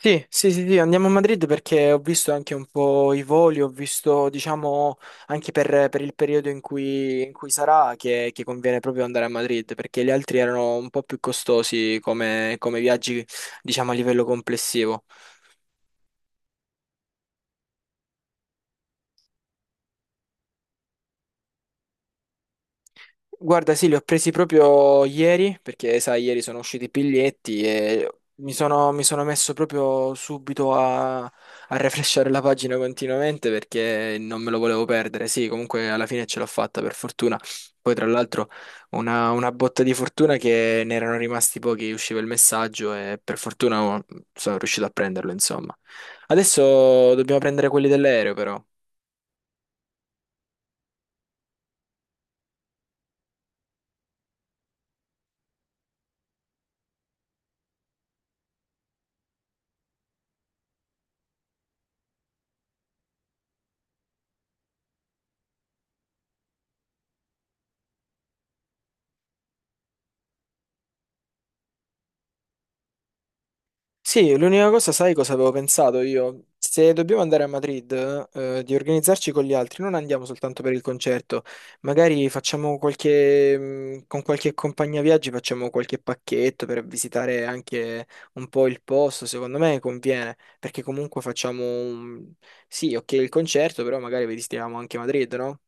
Sì, sì, andiamo a Madrid perché ho visto anche un po' i voli, ho visto, diciamo, anche per il periodo in cui sarà che conviene proprio andare a Madrid perché gli altri erano un po' più costosi come viaggi, diciamo, a livello complessivo. Guarda, sì, li ho presi proprio ieri, perché sai, ieri sono usciti i biglietti e mi sono messo proprio subito a refreshare la pagina continuamente perché non me lo volevo perdere. Sì, comunque alla fine ce l'ho fatta, per fortuna. Poi, tra l'altro, una botta di fortuna che ne erano rimasti pochi, usciva il messaggio e per fortuna oh, sono riuscito a prenderlo, insomma. Adesso dobbiamo prendere quelli dell'aereo, però. Sì, l'unica cosa, sai cosa avevo pensato io? Se dobbiamo andare a Madrid, di organizzarci con gli altri, non andiamo soltanto per il concerto, magari facciamo qualche, con qualche compagnia viaggi facciamo qualche pacchetto per visitare anche un po' il posto, secondo me conviene, perché comunque facciamo un... Sì, ok, il concerto, però magari visitiamo anche Madrid, no?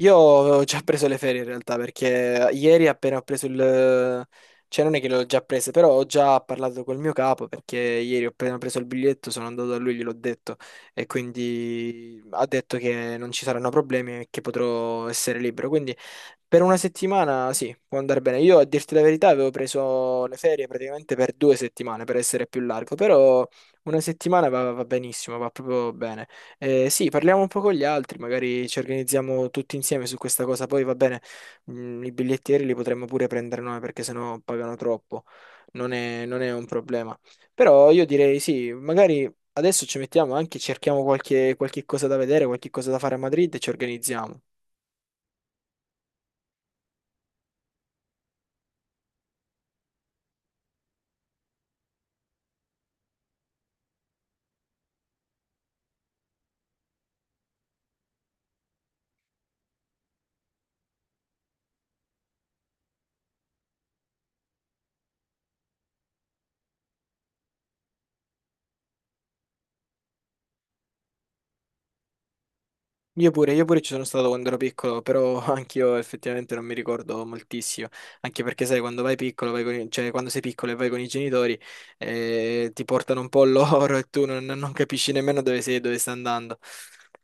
Io ho già preso le ferie in realtà perché ieri appena ho preso il... cioè non è che le ho già prese, però ho già parlato col mio capo perché ieri ho appena preso il biglietto, sono andato da lui, gliel'ho detto e quindi ha detto che non ci saranno problemi e che potrò essere libero. Quindi per una settimana sì, può andare bene. Io a dirti la verità avevo preso le ferie praticamente per due settimane per essere più largo, però una settimana va benissimo, va proprio bene. Sì, parliamo un po' con gli altri, magari ci organizziamo tutti insieme su questa cosa. Poi va bene, i bigliettieri li potremmo pure prendere noi perché sennò pagano troppo. Non è un problema. Però io direi sì, magari adesso ci mettiamo anche, cerchiamo qualche, qualche cosa da vedere, qualche cosa da fare a Madrid e ci organizziamo. Io pure ci sono stato quando ero piccolo, però anch'io effettivamente non mi ricordo moltissimo, anche perché sai, quando vai piccolo, vai con i- cioè quando sei piccolo e vai con i genitori, ti portano un po' loro e tu non capisci nemmeno dove sei, e dove stai andando.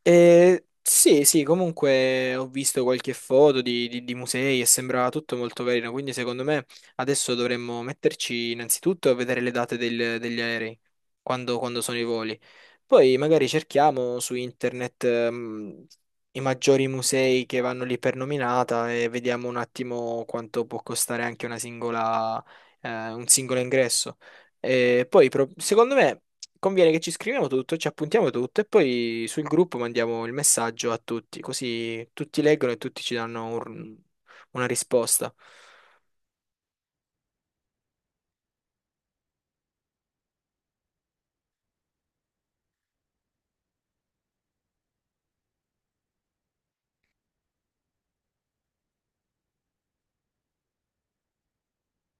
E sì, sì, comunque ho visto qualche foto di musei e sembrava tutto molto carino, quindi secondo me adesso dovremmo metterci innanzitutto a vedere le date del- degli aerei, quando sono i voli. Poi magari cerchiamo su internet, i maggiori musei che vanno lì per nominata e vediamo un attimo quanto può costare anche una singola, un singolo ingresso. E poi, pro- secondo me, conviene che ci scriviamo tutto, ci appuntiamo tutto e poi sul gruppo mandiamo il messaggio a tutti, così tutti leggono e tutti ci danno un- una risposta.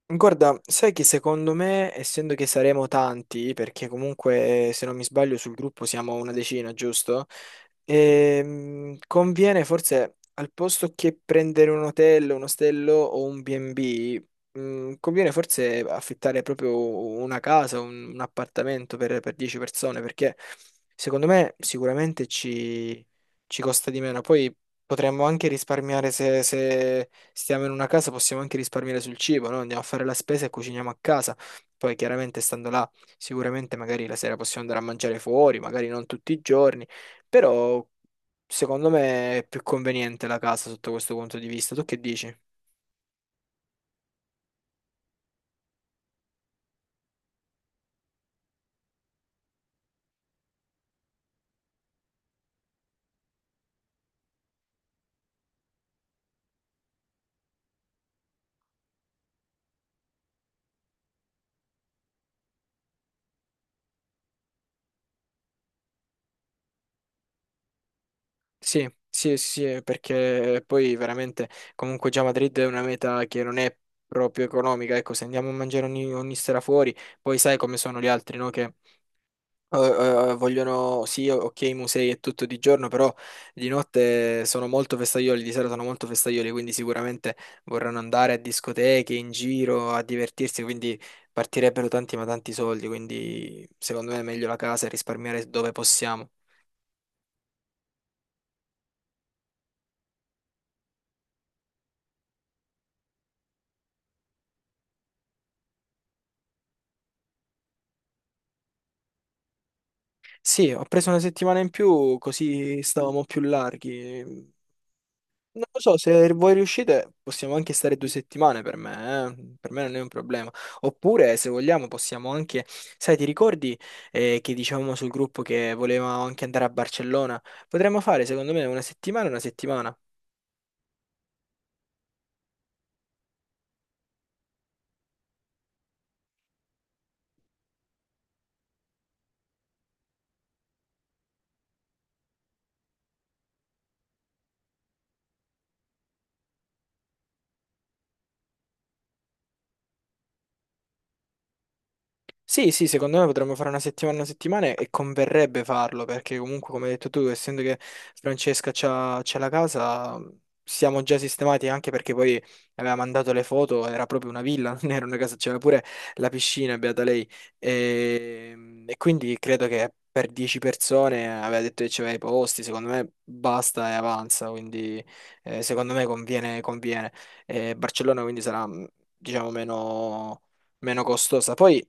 Guarda, sai che secondo me, essendo che saremo tanti, perché comunque se non mi sbaglio sul gruppo siamo una decina, giusto? Conviene forse al posto che prendere un hotel, un ostello o un B&B, conviene forse affittare proprio una casa, un appartamento per 10 persone, perché secondo me sicuramente ci costa di meno. Poi potremmo anche risparmiare se, se stiamo in una casa, possiamo anche risparmiare sul cibo, no? Andiamo a fare la spesa e cuciniamo a casa. Poi chiaramente stando là, sicuramente magari la sera possiamo andare a mangiare fuori, magari non tutti i giorni però secondo me è più conveniente la casa sotto questo punto di vista. Tu che dici? Sì, sì, sì, perché poi veramente comunque già Madrid è una meta che non è proprio economica. Ecco, se andiamo a mangiare ogni sera fuori, poi sai come sono gli altri, no? Che eh, vogliono, sì, ok, i musei e tutto di giorno, però di notte sono molto festaioli, di sera sono molto festaioli, quindi sicuramente vorranno andare a discoteche, in giro, a divertirsi, quindi partirebbero tanti ma tanti soldi, quindi secondo me è meglio la casa e risparmiare dove possiamo. Sì, ho preso una settimana in più, così stavamo più larghi. Non lo so, se voi riuscite possiamo anche stare due settimane per me, eh. Per me non è un problema. Oppure, se vogliamo, possiamo anche... Sai, ti ricordi che dicevamo sul gruppo che volevamo anche andare a Barcellona? Potremmo fare, secondo me, una settimana e una settimana. Sì, sì, secondo me potremmo fare una settimana e converrebbe farlo perché comunque, come hai detto tu, essendo che Francesca c'ha la casa, siamo già sistemati anche perché poi aveva mandato le foto, era proprio una villa, non era una casa, c'era pure la piscina, beata lei. E quindi credo che per 10 persone aveva detto che c'aveva i posti, secondo me basta e avanza, quindi secondo me conviene, conviene. E Barcellona quindi sarà, diciamo, meno meno costosa. Poi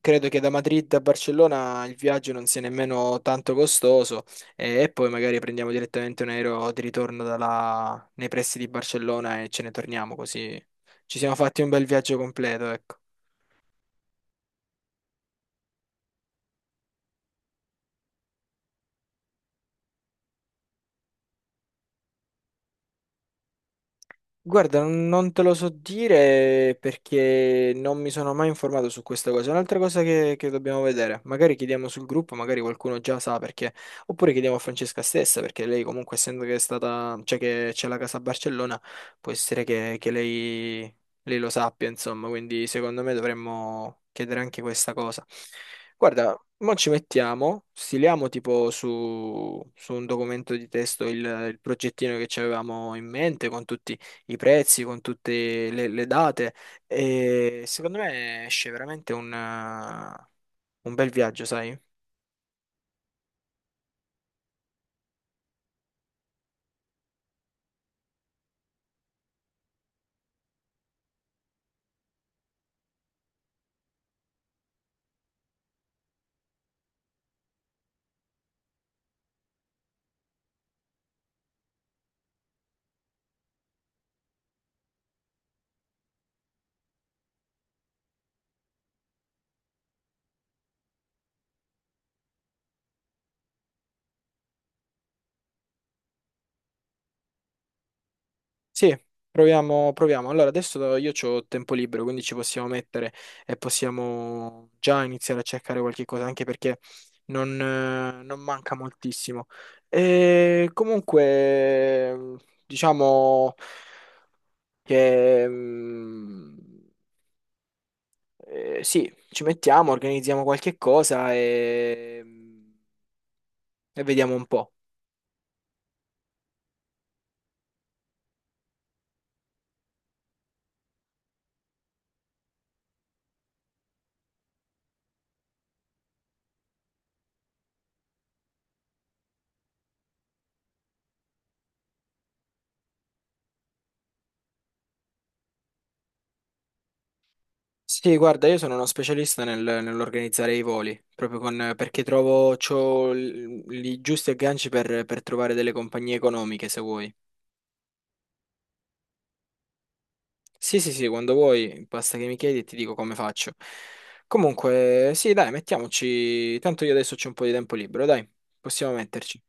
credo che da Madrid a Barcellona il viaggio non sia nemmeno tanto costoso e poi magari prendiamo direttamente un aereo di ritorno dalla- nei pressi di Barcellona e ce ne torniamo così ci siamo fatti un bel viaggio completo, ecco. Guarda, non te lo so dire perché non mi sono mai informato su questa cosa. È un'altra cosa che dobbiamo vedere. Magari chiediamo sul gruppo, magari qualcuno già sa perché. Oppure chiediamo a Francesca stessa, perché lei comunque, essendo che è stata, cioè che c'è la casa a Barcellona, può essere che lei lo sappia, insomma. Quindi secondo me dovremmo chiedere anche questa cosa. Guarda, mo ci mettiamo, stiliamo tipo su, su un documento di testo il progettino che ci avevamo in mente con tutti i prezzi, con tutte le date e secondo me esce veramente un bel viaggio, sai? Sì, proviamo, proviamo. Allora, adesso io ho tempo libero, quindi ci possiamo mettere e possiamo già iniziare a cercare qualche cosa, anche perché non, non manca moltissimo. E comunque, diciamo che sì, ci mettiamo, organizziamo qualche cosa e... E vediamo un po'. Sì, guarda, io sono uno specialista nel- nell'organizzare i voli, proprio con, perché trovo, c'ho l- i giusti agganci per trovare delle compagnie economiche, se vuoi. Sì, sì, sì, quando vuoi, basta che mi chiedi e ti dico come faccio. Comunque, sì, dai, mettiamoci. Tanto io adesso c'ho un po' di tempo libero, dai, possiamo metterci.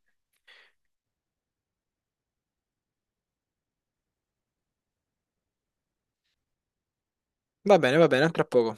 Va bene, a tra poco.